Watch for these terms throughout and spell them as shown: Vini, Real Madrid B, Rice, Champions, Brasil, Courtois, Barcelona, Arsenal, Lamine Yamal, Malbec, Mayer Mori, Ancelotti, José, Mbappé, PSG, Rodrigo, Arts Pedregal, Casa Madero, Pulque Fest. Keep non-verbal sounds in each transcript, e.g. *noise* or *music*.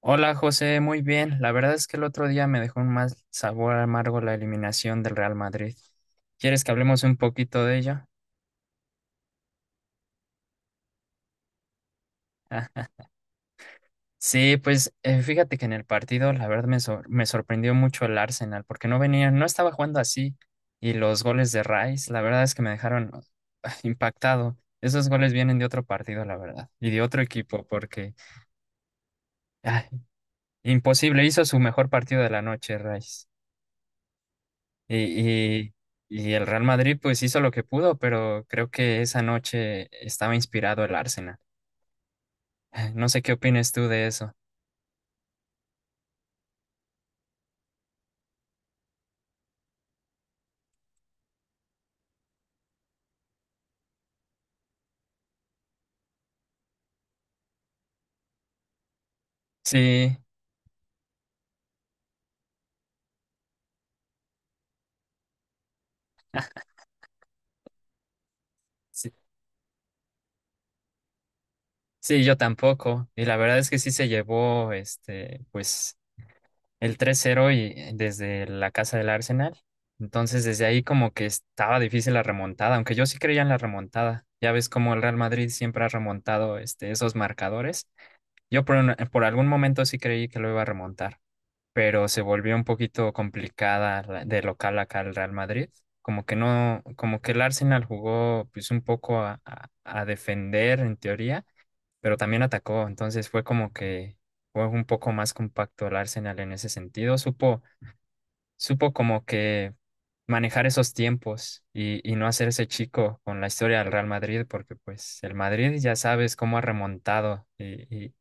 Hola José, muy bien. La verdad es que el otro día me dejó un mal sabor amargo la eliminación del Real Madrid. ¿Quieres que hablemos un poquito de ello? Ah, sí, pues fíjate que en el partido la verdad me sorprendió mucho el Arsenal porque no venía, no estaba jugando así, y los goles de Rice la verdad es que me dejaron impactado. Esos goles vienen de otro partido, la verdad, y de otro equipo porque ah, imposible, hizo su mejor partido de la noche, Rice. Y, y, y el Real Madrid pues hizo lo que pudo, pero creo que esa noche estaba inspirado el Arsenal. *laughs* No sé qué opinas tú de eso. Sí, sí, sí, yo tampoco. Y la verdad es que sí se llevó este, pues, el tres cero y desde la casa del Arsenal. Entonces desde ahí como que estaba difícil la remontada, aunque yo sí creía en la remontada. Ya ves cómo el Real Madrid siempre ha remontado este, esos marcadores. Por algún momento sí creí que lo iba a remontar, pero se volvió un poquito complicada de local acá el Real Madrid. Como que no, Como que el Arsenal jugó pues un poco a defender en teoría, pero también atacó, entonces fue como que fue un poco más compacto el Arsenal en ese sentido. Supo como que manejar esos tiempos y no hacerse chico con la historia del Real Madrid, porque pues el Madrid ya sabes cómo ha remontado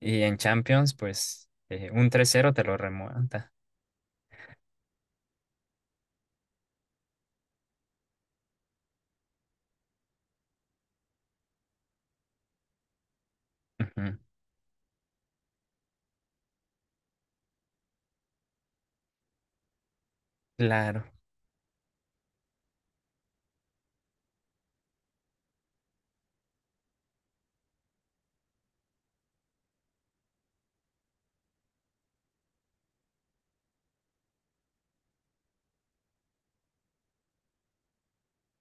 y en Champions pues un 3-0 te lo remonta. Ujú. Claro,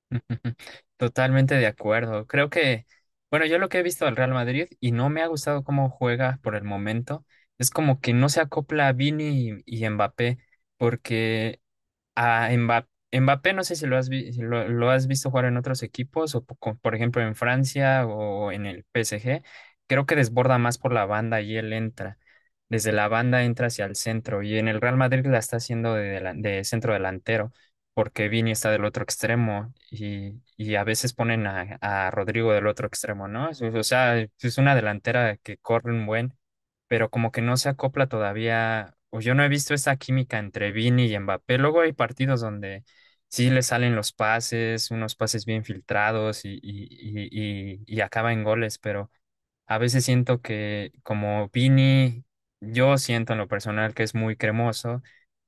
*laughs* totalmente de acuerdo. Creo que, bueno, yo lo que he visto al Real Madrid y no me ha gustado cómo juega por el momento, es como que no se acopla a Vini y Mbappé, porque a Mbappé, Mbappé no sé si lo has, vi- si lo, lo has visto jugar en otros equipos, o por ejemplo en Francia o en el PSG. Creo que desborda más por la banda y él entra. Desde la banda entra hacia el centro. Y en el Real Madrid la está haciendo de centro delantero, porque Vini está del otro extremo. Y a veces ponen a Rodrigo del otro extremo, ¿no? O sea, es una delantera que corre un buen, pero como que no se acopla todavía, o yo no he visto esa química entre Vini y Mbappé. Luego hay partidos donde sí le salen los pases, unos pases bien filtrados y acaba en goles, pero a veces siento que como Vini, yo siento en lo personal que es muy cremoso,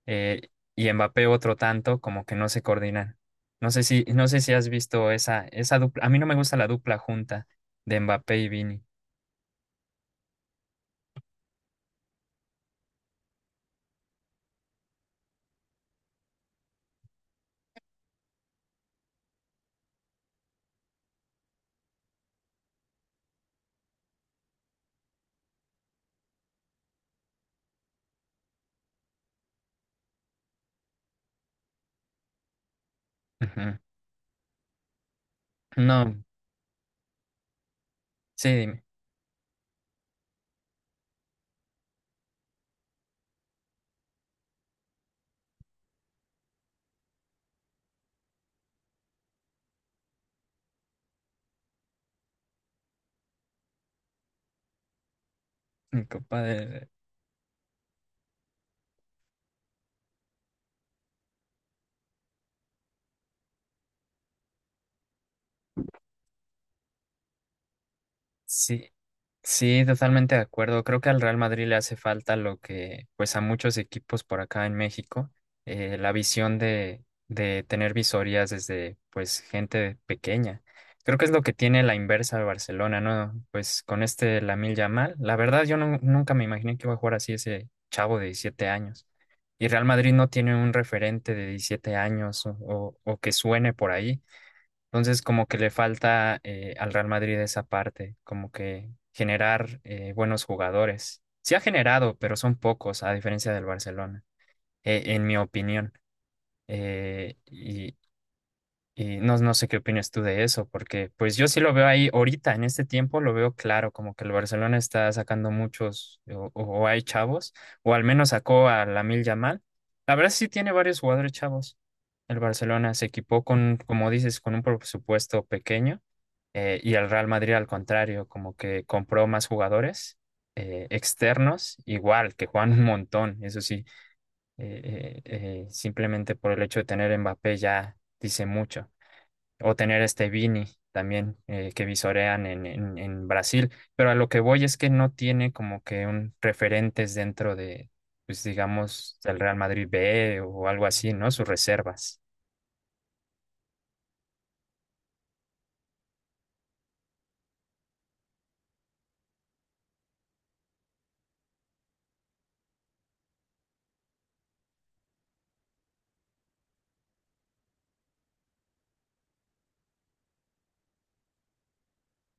eh, y Mbappé otro tanto, como que no se coordinan. No sé si has visto esa dupla. A mí no me gusta la dupla junta de Mbappé y Vini. Ujú. No, sí, dime. En Copa del... Sí, sí, totalmente de acuerdo. Creo que al Real Madrid le hace falta lo que, pues a muchos equipos por acá en México, la visión de tener visorías desde, pues, gente pequeña. Creo que es lo que tiene la inversa de Barcelona, ¿no? Pues con este Lamine Yamal, la verdad yo no- nunca me imaginé que iba a jugar así ese chavo de 17 años. Y Real Madrid no tiene un referente de 17 años o que suene por ahí. Entonces, como que le falta al Real Madrid esa parte, como que generar buenos jugadores. Sí ha generado, pero son pocos, a diferencia del Barcelona, en mi opinión. Eh, y, y no, no sé qué opinas tú de eso, porque pues yo sí lo veo ahí ahorita, en este tiempo lo veo claro, como que el Barcelona está sacando muchos, o hay chavos, o al menos sacó a Lamil Yamal. La verdad sí tiene varios jugadores chavos. El Barcelona se equipó con, como dices, con un presupuesto pequeño, y el Real Madrid al contrario, como que compró más jugadores externos, igual, que juegan *laughs* un montón, eso sí, simplemente por el hecho de tener Mbappé ya dice mucho, o tener este Vini también que visorean en Brasil, pero a lo que voy es que no tiene como que un referentes dentro de, pues digamos, del Real Madrid B o algo así, ¿no? Sus reservas.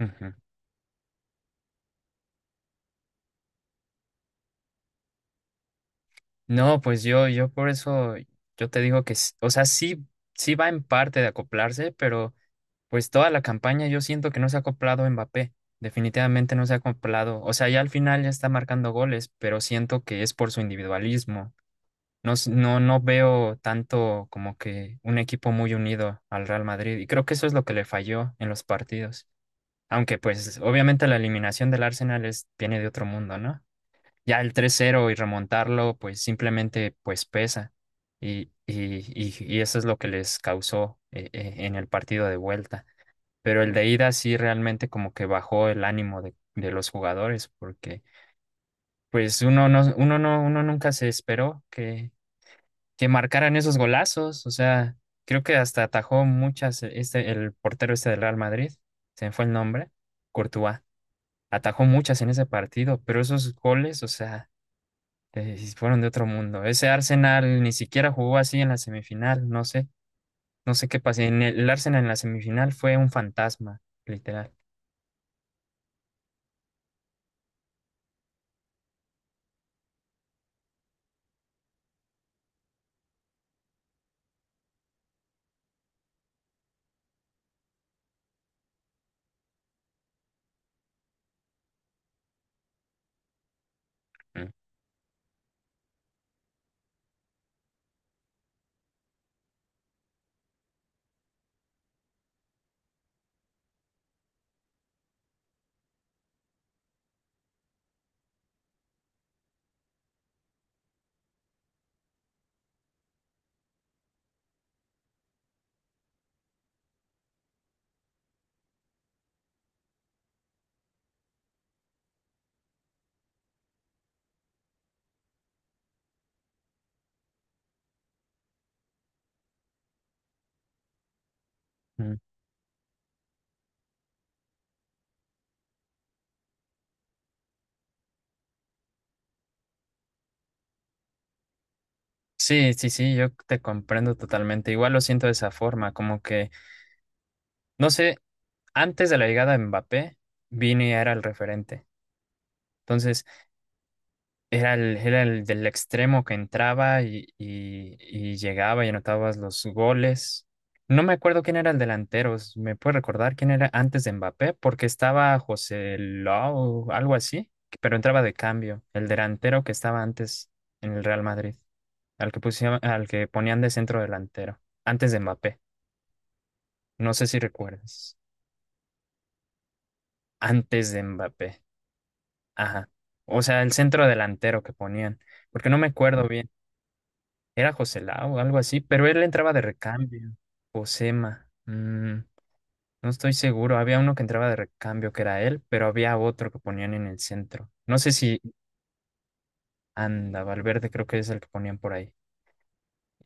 Ujú. No, pues yo por eso, yo te digo que, o sea, sí, sí va en parte de acoplarse, pero pues toda la campaña yo siento que no se ha acoplado Mbappé. Definitivamente no se ha acoplado. O sea, ya al final ya está marcando goles, pero siento que es por su individualismo. No, no, no veo tanto como que un equipo muy unido al Real Madrid y creo que eso es lo que le falló en los partidos. Aunque pues obviamente la eliminación del Arsenal es, viene de otro mundo, ¿no? Ya el 3-0 y remontarlo pues simplemente pues pesa, y eso es lo que les causó en el partido de vuelta. Pero el de ida sí realmente como que bajó el ánimo de los jugadores porque... Pues uno nunca se esperó que marcaran esos golazos. O sea, creo que hasta atajó muchas, este, el portero este del Real Madrid, se me fue el nombre, Courtois, atajó muchas en ese partido, pero esos goles, o sea, sí fueron de otro mundo. Ese Arsenal ni siquiera jugó así en la semifinal, no sé, no sé qué pasó. El Arsenal en la semifinal fue un fantasma, literal. Mm, mm. Sí, sí, sí, yo te comprendo totalmente. Igual lo siento de esa forma, como que, no sé, antes de la llegada de Mbappé, Vini era el referente. Entonces era era el del extremo que entraba y llegaba y anotabas los goles. No me acuerdo quién era el delantero. ¿Me puede recordar quién era antes de Mbappé? Porque estaba José Lau, algo así, pero entraba de cambio. El delantero que estaba antes en el Real Madrid, al que pusieron, al que ponían de centro delantero, antes de Mbappé. No sé si recuerdas. Antes de Mbappé. Ajá. O sea, el centro delantero que ponían. Porque no me acuerdo bien. Era José Lau o algo así, pero él entraba de recambio. Josema. Mm, no estoy seguro. Había uno que entraba de recambio que era él, pero había otro que ponían en el centro. No sé si... Anda, Valverde creo que es el que ponían por ahí.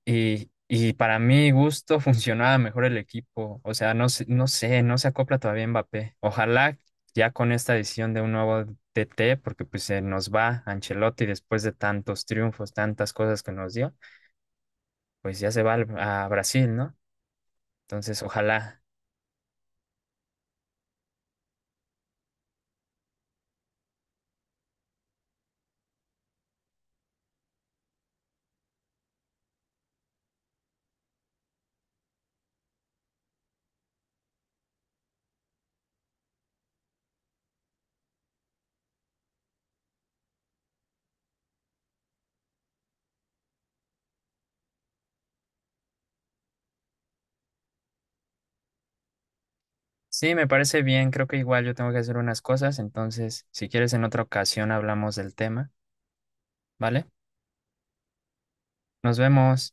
Y para mi gusto *laughs* funcionaba mejor el equipo. O sea, no, no sé, no se acopla todavía Mbappé. Ojalá ya con esta decisión de un nuevo TT, porque pues se nos va Ancelotti después de tantos triunfos, tantas cosas que nos dio, pues ya se va a Brasil, ¿no? Entonces, ojalá. Sí, me parece bien. Creo que igual yo tengo que hacer unas cosas. Entonces, si quieres, en otra ocasión hablamos del tema, ¿vale? Nos vemos.